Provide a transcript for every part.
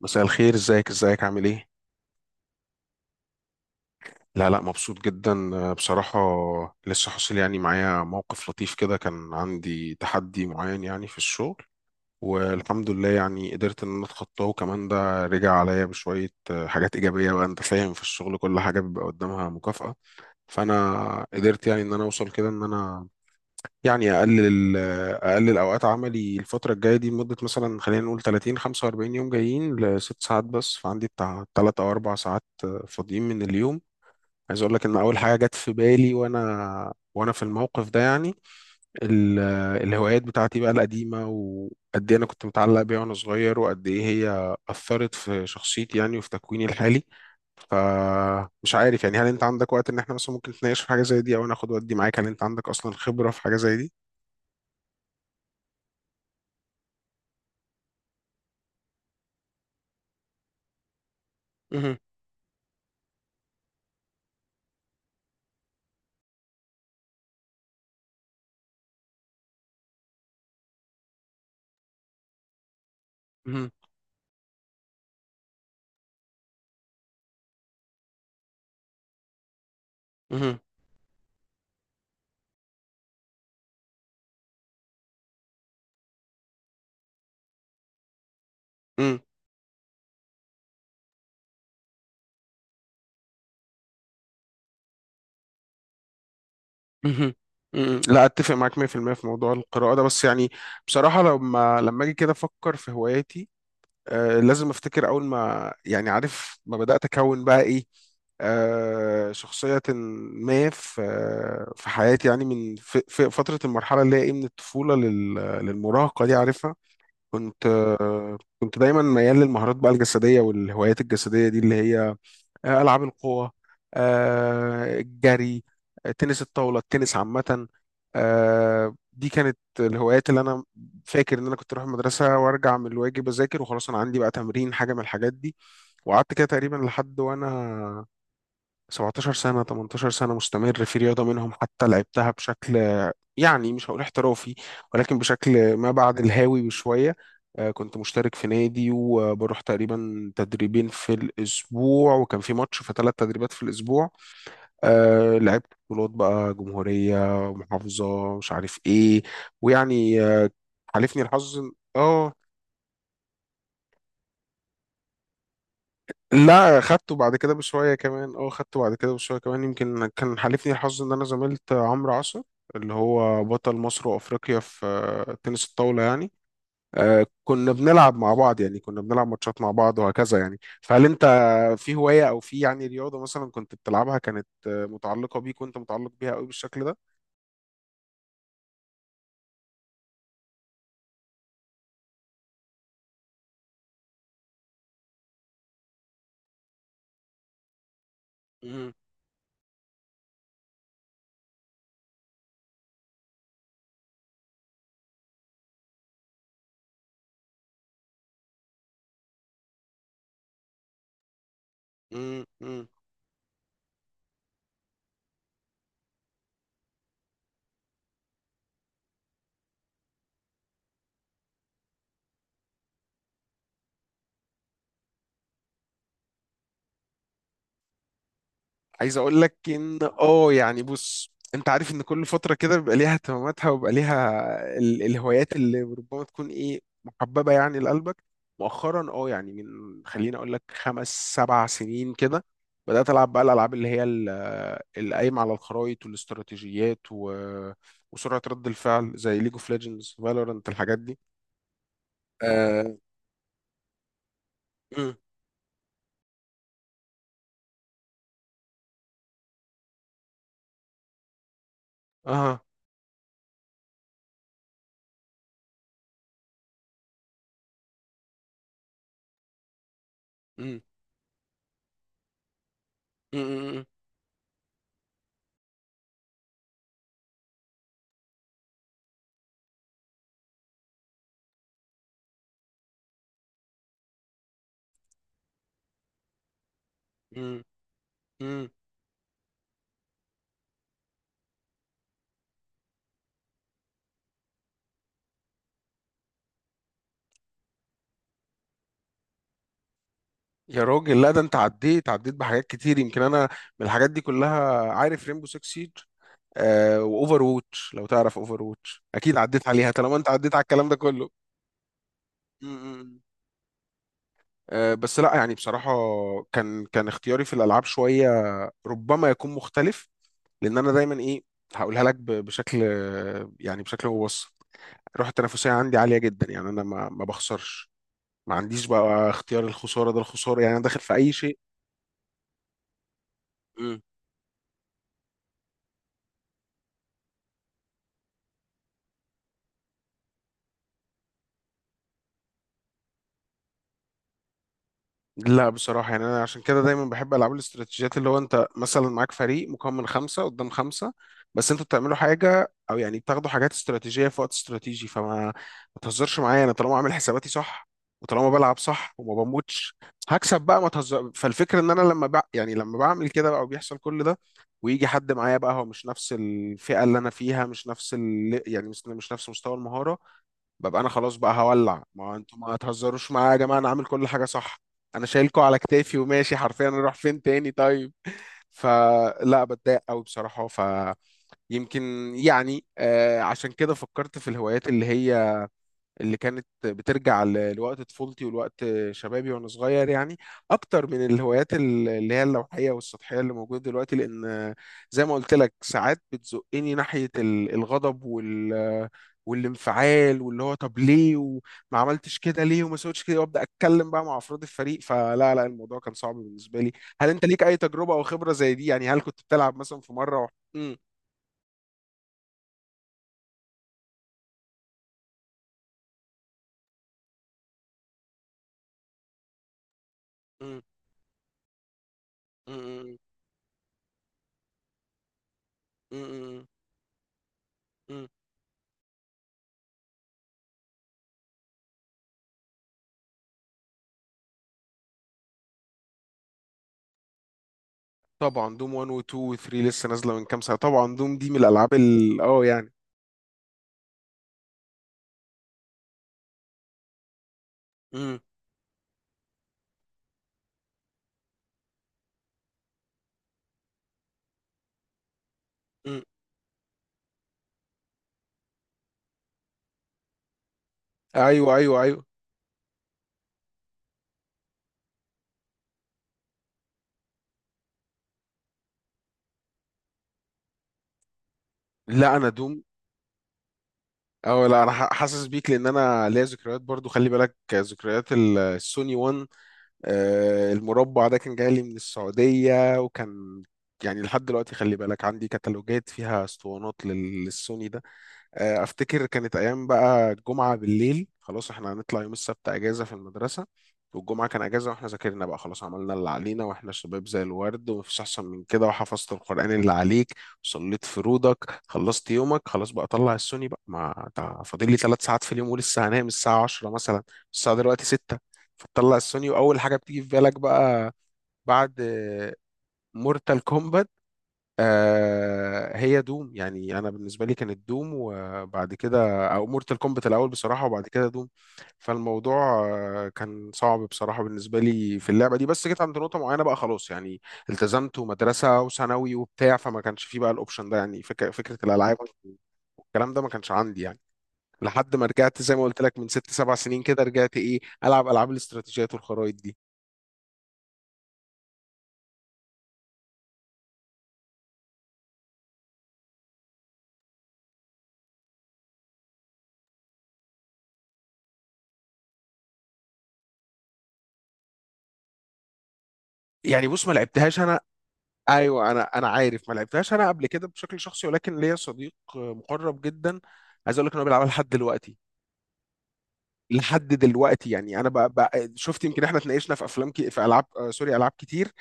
مساء الخير، ازيك عامل ايه؟ لا لا، مبسوط جدا، بصراحة. لسه حاصل يعني معايا موقف لطيف كده، كان عندي تحدي معين يعني في الشغل. والحمد لله يعني قدرت ان انا اتخطاه، وكمان ده رجع عليا بشوية حاجات ايجابية. بقى انت فاهم، في الشغل كل حاجة بيبقى قدامها مكافأة. فانا قدرت يعني ان انا اوصل كده، ان انا يعني اقلل اوقات عملي الفتره الجايه دي، لمده مثلا خلينا نقول 30 45 يوم، جايين لست ساعات، بس فعندي بتاع 3 او 4 ساعات فاضيين من اليوم. عايز اقول لك ان اول حاجه جت في بالي وانا في الموقف ده يعني ال- الهوايات بتاعتي بقى القديمه، وقد ايه انا كنت متعلق بيها وانا صغير، وقد ايه هي اثرت في شخصيتي يعني وفي تكويني الحالي. فمش عارف يعني، هل انت عندك وقت ان احنا مثلا ممكن نتناقش في حاجه زي دي؟ او انا اخد ودي معاك، هل انت عندك اصلا خبره في حاجه زي دي؟ مهم. مهم. مم. مهم. مم. لا اتفق معاك 100% في المية في موضوع القراءة ده، بس يعني بصراحة لما اجي كده افكر في هواياتي، لازم افتكر اول ما يعني، عارف، ما بدأت اكون بقى ايه، شخصية ما في حياتي يعني، من في فترة المرحلة اللي هي ايه من الطفولة للمراهقة دي، عارفها. كنت دايما ميال للمهارات بقى الجسدية، والهوايات الجسدية دي اللي هي ألعاب القوى، الجري، تنس الطاولة، التنس عامة. دي كانت الهوايات اللي أنا فاكر إن أنا كنت أروح المدرسة وأرجع من الواجب، أذاكر وخلاص أنا عندي بقى تمرين حاجة من الحاجات دي. وقعدت كده تقريبا لحد وأنا 17 سنة، 18 سنة مستمر في رياضة منهم، حتى لعبتها بشكل يعني مش هقول احترافي، ولكن بشكل ما بعد الهاوي بشوية. كنت مشترك في نادي، وبروح تقريبا تدريبين في الأسبوع، وكان في ماتش في 3 تدريبات في الأسبوع. لعبت بطولات بقى، جمهورية، محافظة، مش عارف إيه، ويعني حالفني الحظ اه، لا، خدته بعد كده بشوية كمان. اه، خدته بعد كده بشوية كمان، يمكن كان حالفني الحظ إن أنا زميلت عمرو عصر اللي هو بطل مصر وأفريقيا في تنس الطاولة يعني. كنا بنلعب مع بعض يعني، كنا بنلعب ماتشات مع بعض وهكذا يعني. فهل انت في هواية، او في يعني رياضة مثلا كنت بتلعبها كانت متعلقة بيك وانت متعلق بيها قوي بالشكل ده؟ مم، مم، مم. عايز اقول لك ان اه يعني، بص، انت عارف ان كل فتره كده بيبقى ليها اهتماماتها، وبيبقى ليها الهوايات اللي ربما تكون ايه محببه يعني لقلبك. مؤخرا اه يعني، من خليني اقول لك خمس سبع سنين كده، بدات العب بقى الالعاب اللي هي اللي قايمه على الخرايط والاستراتيجيات و... وسرعه رد الفعل، زي ليج اوف ليجندز، فالورانت، الحاجات دي. اه، اه، آه. مم. مم. مم. مم. يا راجل، لا، ده انت عديت بحاجات كتير، يمكن انا من الحاجات دي كلها عارف ريمبو 6 سيج، آه، واوفر ووتش. لو تعرف اوفر ووتش اكيد عديت عليها طالما انت عديت على الكلام ده كله. م- م- بس لا، يعني بصراحة كان اختياري في الالعاب شوية ربما يكون مختلف، لان انا دايما ايه، هقولها لك بشكل يعني، بشكل مبسط. الروح التنافسية عندي عالية جدا، يعني انا ما بخسرش، ما عنديش بقى اختيار الخسارة. ده الخسارة يعني انا داخل في اي شيء. لا بصراحة يعني أنا عشان كده دايما بحب ألعاب الاستراتيجيات، اللي هو أنت مثلا معاك فريق مكون من خمسة قدام خمسة، بس أنتوا بتعملوا حاجة، أو يعني بتاخدوا حاجات استراتيجية في وقت استراتيجي، فما ما تهزرش معايا، أنا طالما عامل حساباتي صح وطالما بلعب صح وما بموتش هكسب بقى، ما تهزر. فالفكرة إن أنا يعني لما بعمل كده بقى وبيحصل كل ده، ويجي حد معايا بقى هو مش نفس الفئة اللي أنا فيها، مش نفس يعني مش مش نفس مستوى المهارة، ببقى انا خلاص بقى هولع. ما هو انتوا ما تهزروش معايا يا جماعه، انا عامل كل حاجه صح، انا شايلكوا على كتافي وماشي حرفيا، اروح فين تاني طيب؟ فلا، بتضايق قوي بصراحه. فيمكن يعني آه، عشان كده فكرت في الهوايات اللي هي اللي كانت بترجع لوقت طفولتي ولوقت شبابي وانا صغير يعني، اكتر من الهوايات اللي هي اللوحيه والسطحيه اللي موجوده دلوقتي، لان زي ما قلت لك ساعات بتزقني ناحيه الغضب والانفعال، واللي هو طب ليه وما عملتش كده، ليه وما سويتش كده، وابدا اتكلم بقى مع افراد الفريق. فلا لا، الموضوع كان صعب بالنسبه لي. هل انت ليك اي تجربه او خبره زي دي يعني؟ هل كنت بتلعب مثلا في مره و. م- م- م- م- م- م- م- طبعا، دوم 1 و 2 و 3 لسه نازله من كام سنه. طبعا دوم دي من الالعاب ال اه يعني. امم. امم. ايوه، ايوه، ايوه. لا، انا دوم. اه، لا، انا حاسس بيك، لان انا ليا ذكريات برضو، خلي بالك، ذكريات السوني 1. المربع ده كان جاي لي من السعوديه، وكان يعني لحد دلوقتي خلي بالك عندي كتالوجات فيها اسطوانات للسوني ده. افتكر كانت ايام بقى، الجمعه بالليل خلاص احنا هنطلع، يوم السبت اجازه في المدرسه، والجمعه كان اجازه، واحنا ذاكرنا بقى خلاص، عملنا اللي علينا، واحنا شباب زي الورد ومفيش احسن من كده، وحفظت القران اللي عليك، وصليت فروضك، خلصت يومك، خلاص بقى طلع السوني بقى. ما تع- فاضل لي 3 ساعات في اليوم ولسه هنام الساعه 10 مثلا، الساعه دلوقتي 6. فتطلع السوني، واول حاجه بتيجي في بالك بقى بعد مورتال كومبات، هي دوم. يعني انا بالنسبه لي كانت دوم وبعد كده، او مورتال كومبات الاول بصراحه وبعد كده دوم. فالموضوع كان صعب بصراحه بالنسبه لي في اللعبه دي، بس جيت عند نقطه معينه بقى خلاص يعني، التزمت ومدرسه وثانوي وبتاع، فما كانش فيه بقى الاوبشن ده، يعني فكره الالعاب والكلام ده ما كانش عندي يعني لحد ما رجعت. زي ما قلت لك من ست سبع سنين كده رجعت ايه، العب العاب الاستراتيجيات والخرايط دي. يعني بص، ما لعبتهاش انا. ايوه، انا عارف، ما لعبتهاش انا قبل كده بشكل شخصي، ولكن ليا صديق مقرب جدا، عايز اقول لك ان هو بيلعبها لحد دلوقتي. لحد دلوقتي، يعني انا بقى شفت، يمكن احنا اتناقشنا في افلام كي في العاب، سوري، العاب كتير،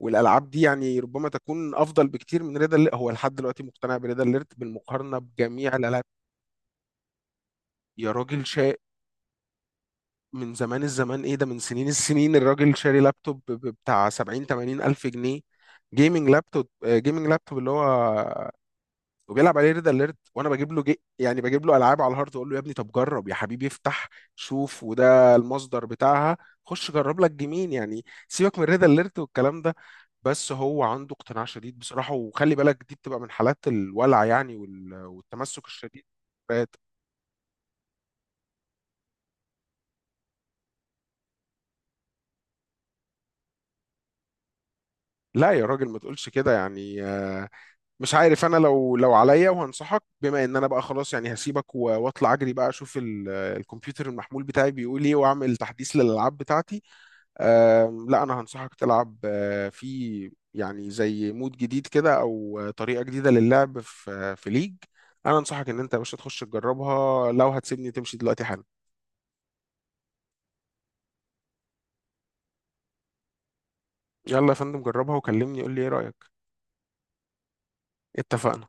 والالعاب دي يعني ربما تكون افضل بكتير من ريد اليرت. هو لحد دلوقتي مقتنع بريد اليرت بالمقارنه بجميع الالعاب. يا راجل شاء، من زمان الزمان، ايه ده، من سنين السنين، الراجل شاري لابتوب بتاع 70 80 الف جنيه، جيمنج لابتوب، جيمنج لابتوب اللي هو، وبيلعب عليه ريد اليرت. وانا بجيب له جي يعني، بجيب له العاب على الهارد، اقول له يا ابني طب جرب يا حبيبي، افتح، شوف، وده المصدر بتاعها، خش جرب لك جيمين يعني، سيبك من ريد اليرت والكلام ده. بس هو عنده اقتناع شديد بصراحه، وخلي بالك دي بتبقى من حالات الولع يعني والتمسك الشديد بالذات. لا يا راجل ما تقولش كده يعني، مش عارف انا، لو عليا، وهنصحك بما ان انا بقى خلاص يعني هسيبك واطلع اجري بقى، اشوف الكمبيوتر المحمول بتاعي بيقول ايه، واعمل تحديث للالعاب بتاعتي. لا، انا هنصحك تلعب آه، في يعني زي مود جديد كده، او طريقه جديده للعب في ليج. انا انصحك ان انت يا باشا تخش تجربها. لو هتسيبني تمشي دلوقتي حالا. يلا يا فندم، جربها وكلمني، قول لي ايه رايك. اتفقنا.